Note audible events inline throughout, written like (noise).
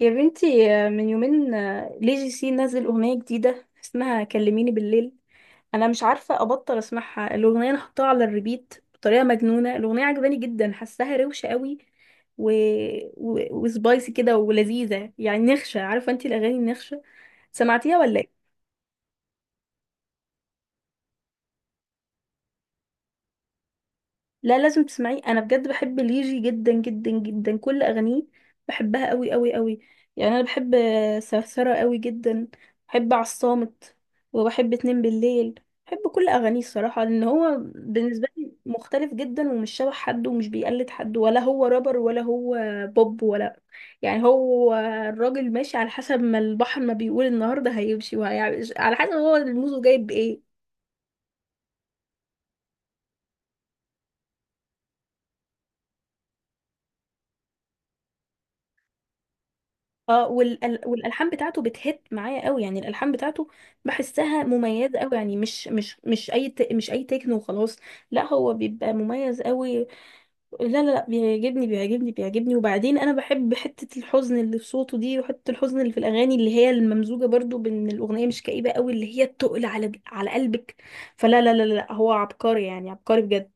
يا بنتي من يومين لي جي سي نزل أغنية جديدة اسمها كلميني بالليل. أنا مش عارفة أبطل أسمعها، الأغنية أنا حطاها على الريبيت بطريقة مجنونة، الأغنية عجباني جدا حاساها روشة قوي و... و... وسبايسي كده ولذيذة، يعني نخشة، عارفة أنتي الأغاني النخشة؟ سمعتيها ولا إيه؟ لا لازم تسمعيه، انا بجد بحب ليجي جدا جدا جدا، كل اغانيه بحبها قوي قوي قوي. يعني انا بحب سرسرة قوي جدا، بحب عالصامت، وبحب اتنين بالليل، بحب كل اغانيه الصراحة، لان هو بالنسبة لي مختلف جدا ومش شبه حد ومش بيقلد حد، ولا هو رابر ولا هو بوب ولا، يعني هو الراجل ماشي على حسب ما البحر ما بيقول النهارده هيمشي، وهيعمل على حسب هو الموزه جايب ايه. اه والال... والالحان بتاعته بتهت معايا قوي، يعني الالحان بتاعته بحسها مميزه قوي، يعني مش مش اي تكنو وخلاص، لا هو بيبقى مميز قوي. لا لا لا بيعجبني بيعجبني بيعجبني، وبعدين انا بحب حته الحزن اللي في صوته دي، وحته الحزن اللي في الاغاني اللي هي الممزوجه برضو بان الاغنيه مش كئيبه قوي، اللي هي التقل على على قلبك، فلا لا لا لا هو عبقري يعني عبقري بجد.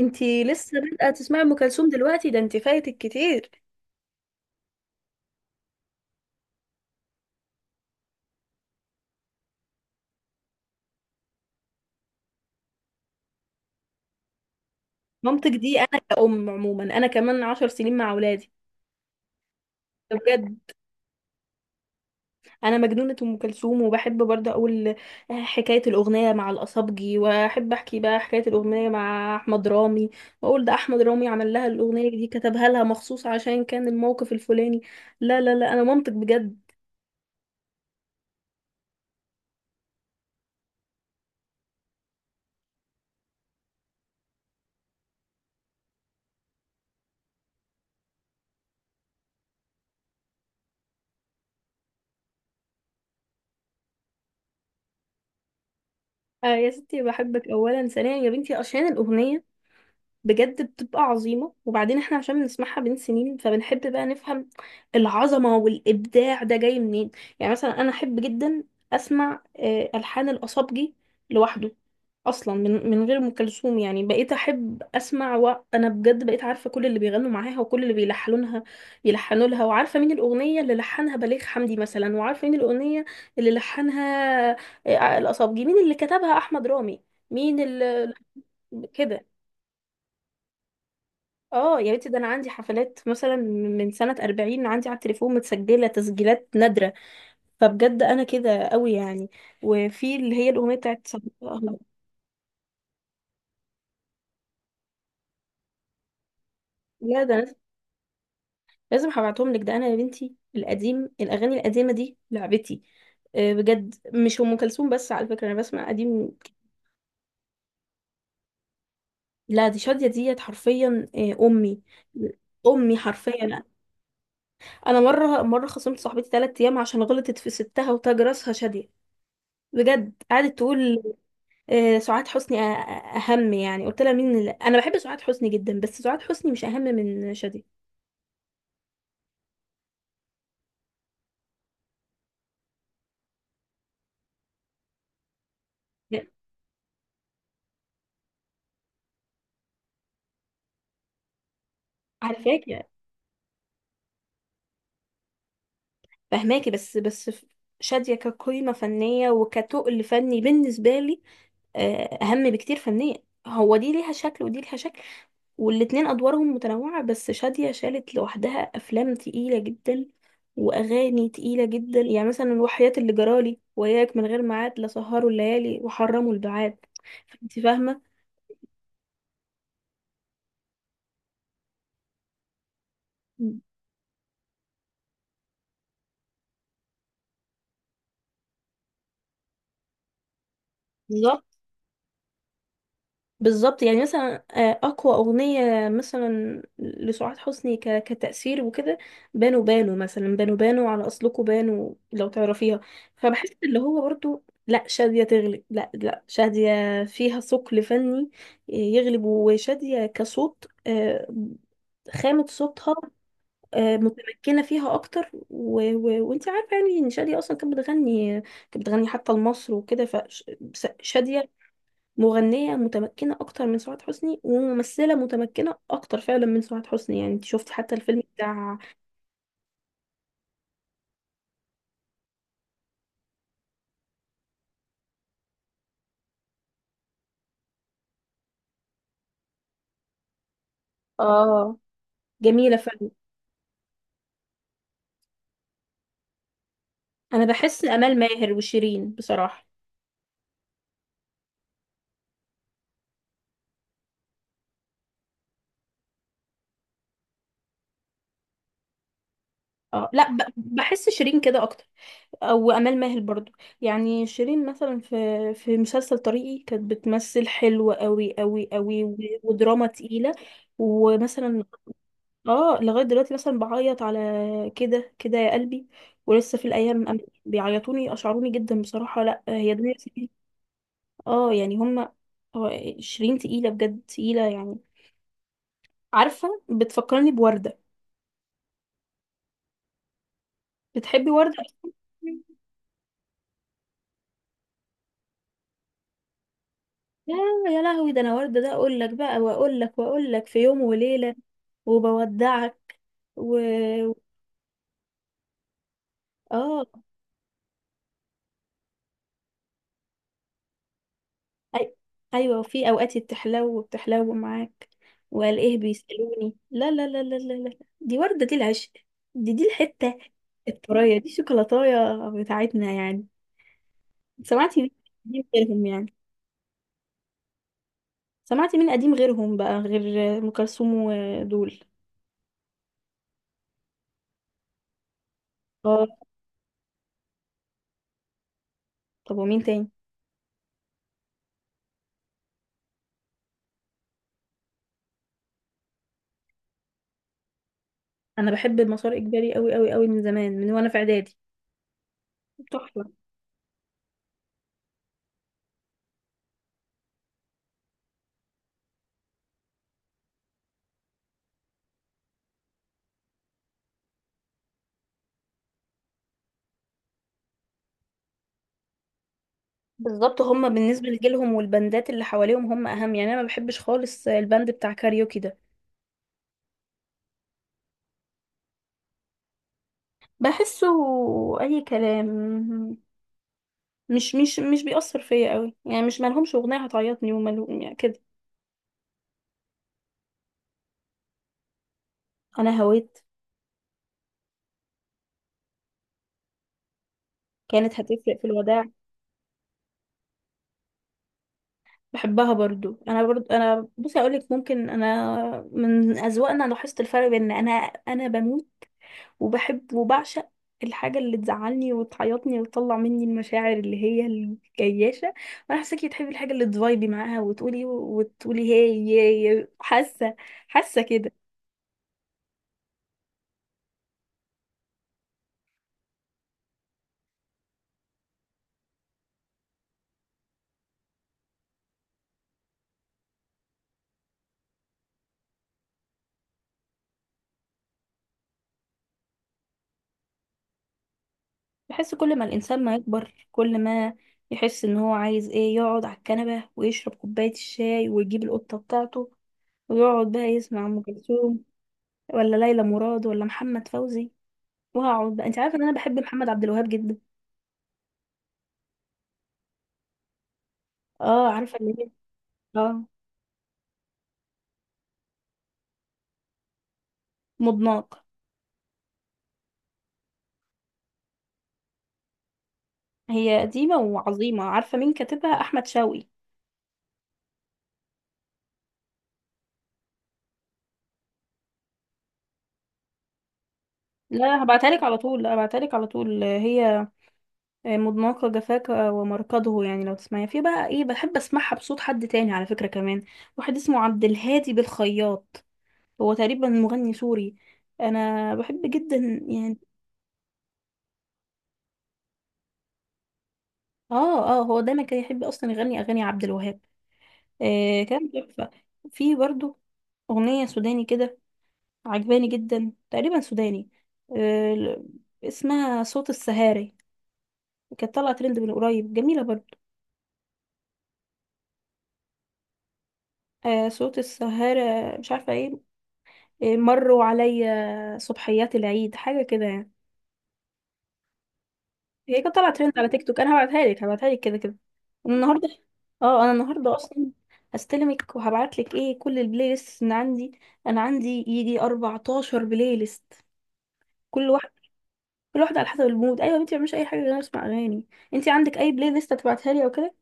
انتي لسه بادئه تسمعي ام كلثوم دلوقتي؟ ده انتي فايتك كتير. مامتك دي انا كأم عموما انا كمان 10 سنين مع اولادي، بجد انا مجنونه ام كلثوم، وبحب برضه اقول حكايه الاغنيه مع الاصابجي، واحب احكي بقى حكايه الاغنيه مع احمد رامي، واقول ده احمد رامي عمل لها الاغنيه دي كتبها لها مخصوص عشان كان الموقف الفلاني. لا لا لا انا مامتك بجد. آه يا ستي بحبك، اولا ثانيا يا بنتي عشان الاغنيه بجد بتبقى عظيمة، وبعدين احنا عشان بنسمعها بين سنين فبنحب بقى نفهم العظمة والإبداع ده جاي منين. يعني مثلا أنا أحب جدا أسمع ألحان الأصابجي لوحده، أصلا من غير أم كلثوم، يعني بقيت أحب أسمع، وأنا بجد بقيت عارفة كل اللي بيغنوا معاها وكل اللي بيلحنونها يلحنوا لها، وعارفة مين الأغنية اللي لحنها بليغ حمدي مثلا، وعارفة مين الأغنية اللي لحنها الأصابجي، مين اللي كتبها أحمد رامي، مين اللي (laughs) كده. اه يا بنتي ده انا عندي حفلات مثلا من سنة 40، عندي على التليفون متسجلة تسجيلات نادرة، فبجد انا كده قوي يعني، وفي اللي هي الأغنية بتاعت صدقها. لا ده أنا لازم هبعتهم لك، ده انا يا بنتي القديم الأغاني القديمة دي لعبتي، بجد مش أم كلثوم بس على فكرة، انا بسمع قديم. لا دي شادية ديت حرفيا أمي، أمي حرفيا. انا مرة خصمت صاحبتي 3 ايام عشان غلطت في ستها وتاج راسها شادية، بجد قعدت تقول سعاد حسني اهم، يعني قلت لها انا بحب سعاد حسني جدا، بس سعاد حسني مش اهم من شادية. لا، عارفاكي فهماكي، شادية كقيمة فنية وكتقل فني بالنسبة لي اهم بكتير فنيا، هو دي ليها شكل ودي ليها شكل والاتنين ادوارهم متنوعة، بس شادية شالت لوحدها افلام تقيلة جدا واغاني تقيلة جدا، يعني مثلا وحياة اللي جرالي، وياك من غير ميعاد، لا سهروا الليالي وحرموا البعاد، فانت فاهمة. بالظبط بالظبط، يعني مثلا اقوى اغنيه مثلا لسعاد حسني كتاثير وكده بانو بانو، مثلا بانو بانو على اصلكوا بانو، لو تعرفيها، فبحس اللي هو برضو لا شاديه تغلب، لا لا شاديه فيها ثقل فني يغلب، وشاديه كصوت خامه صوتها متمكنه فيها اكتر و... و... وانت عارفه يعني ان شاديه اصلا كانت بتغني كانت بتغني حتى لمصر وكده، فشاديه مغنية متمكنة أكتر من سعاد حسني، وممثلة متمكنة أكتر فعلا من سعاد حسني، يعني انت شفت حتى الفيلم بتاع. اه جميلة فعلا. أنا بحس أمال ماهر وشيرين بصراحة. اه لا بحس شيرين كده أكتر، أو أمال ماهر برضو، يعني شيرين مثلا في مسلسل طريقي كانت بتمثل حلوة قوي قوي قوي، و- ودراما تقيلة، ومثلا اه لغاية دلوقتي مثلا بعيط على كده كده يا قلبي، ولسه في الأيام من قبل بيعيطوني أشعروني جدا بصراحة، لأ هي دنيا سمير. اه يعني هما هو شيرين تقيلة بجد تقيلة يعني، عارفة بتفكرني بوردة. بتحبي وردة أصلاً؟ يا يا لهوي، ده أنا وردة ده أقول لك بقى، وأقول لك وأقول لك في يوم وليلة، وبودعك، و اه أي... ايوه، وفي اوقات بتحلو بتحلو معاك والاقيه بيسالوني، لا لا لا لا لا لا دي ورده، دي العشق، دي دي الحته الطريه دي شوكولاتايه بتاعتنا يعني. سمعتي مين قديم غيرهم يعني، سمعتي مين قديم غيرهم بقى غير ام كلثوم ودول؟ اه طب ومين تاني؟ انا بحب المسار اجباري قوي قوي قوي من زمان، من وانا في اعدادي، تحفه. بالظبط هما بالنسبه لجيلهم والبندات اللي حواليهم هم اهم، يعني انا ما بحبش خالص البند بتاع كاريوكي ده، بحسه اي كلام، مش بيأثر فيا قوي، يعني مش مالهمش اغنيه هتعيطني وماله يعني كده. انا هويت، كانت هتفرق، في الوداع، بحبها برضو، انا برضو انا بصي اقول لك، ممكن انا من اذواقنا لاحظت الفرق، بين انا انا بموت وبحب وبعشق الحاجه اللي تزعلني وتعيطني وتطلع مني المشاعر اللي هي الجياشه، وانا حاساكي بتحبي الحاجه اللي تفايبي معاها وتقولي وتقولي هي هي هي. حاسه كده. بحس كل ما الإنسان ما يكبر، كل ما يحس إن هو عايز إيه يقعد على الكنبة ويشرب كوباية الشاي، ويجيب القطة بتاعته ويقعد بقى يسمع أم كلثوم، ولا ليلى مراد، ولا محمد فوزي، وهقعد بقى. أنت عارفة إن أنا بحب محمد عبد الوهاب جدا؟ آه عارفة اللي هي آه مضناك، هي قديمة وعظيمة، عارفة مين كاتبها؟ أحمد شوقي. لا هبعتها لك على طول. لا هبعتها لك على طول، هي مضناك جفاك ومركضه، يعني لو تسمعيها، في بقى ايه بحب اسمعها بصوت حد تاني على فكرة، كمان واحد اسمه عبد الهادي بالخياط، هو تقريبا مغني سوري، انا بحب جدا يعني. اه اه هو دايما كان يحب اصلا يغني اغاني عبد الوهاب، آه كان تحفة. في برضو اغنية سوداني كده عجباني جدا، تقريبا سوداني، آه اسمها صوت السهاري، كانت طالعة ترند من قريب، جميلة برضو، آه صوت السهارة، مش عارفة ايه مروا عليا صبحيات العيد، حاجة كده يعني، هي كانت طالعة ترند على تيك توك، انا هبعتها لك كده كده. أنا النهاردة، اه انا النهاردة اصلا هستلمك وهبعت لك ايه كل البلاي ليست اللي عندي، انا عندي يجي 14 بلاي ليست، كل واحد، كل واحدة على حسب المود، ايوه انت مش اي حاجة غير اسمع اغاني، انت عندك اي بلاي ليست هتبعتها لي او كده؟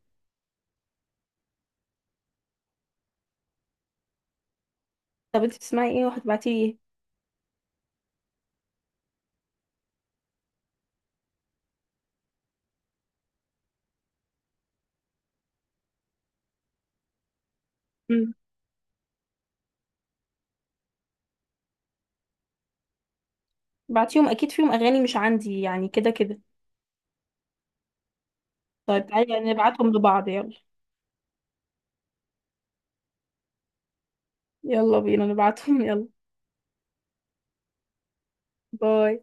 طب انت بتسمعي ايه؟ وهتبعتي لي ايه؟ مم. بعتيهم اكيد فيهم اغاني مش عندي يعني كده كده. طيب تعالي يعني نبعتهم لبعض، يلا، يلا بينا نبعتهم (laughs) يلا. باي.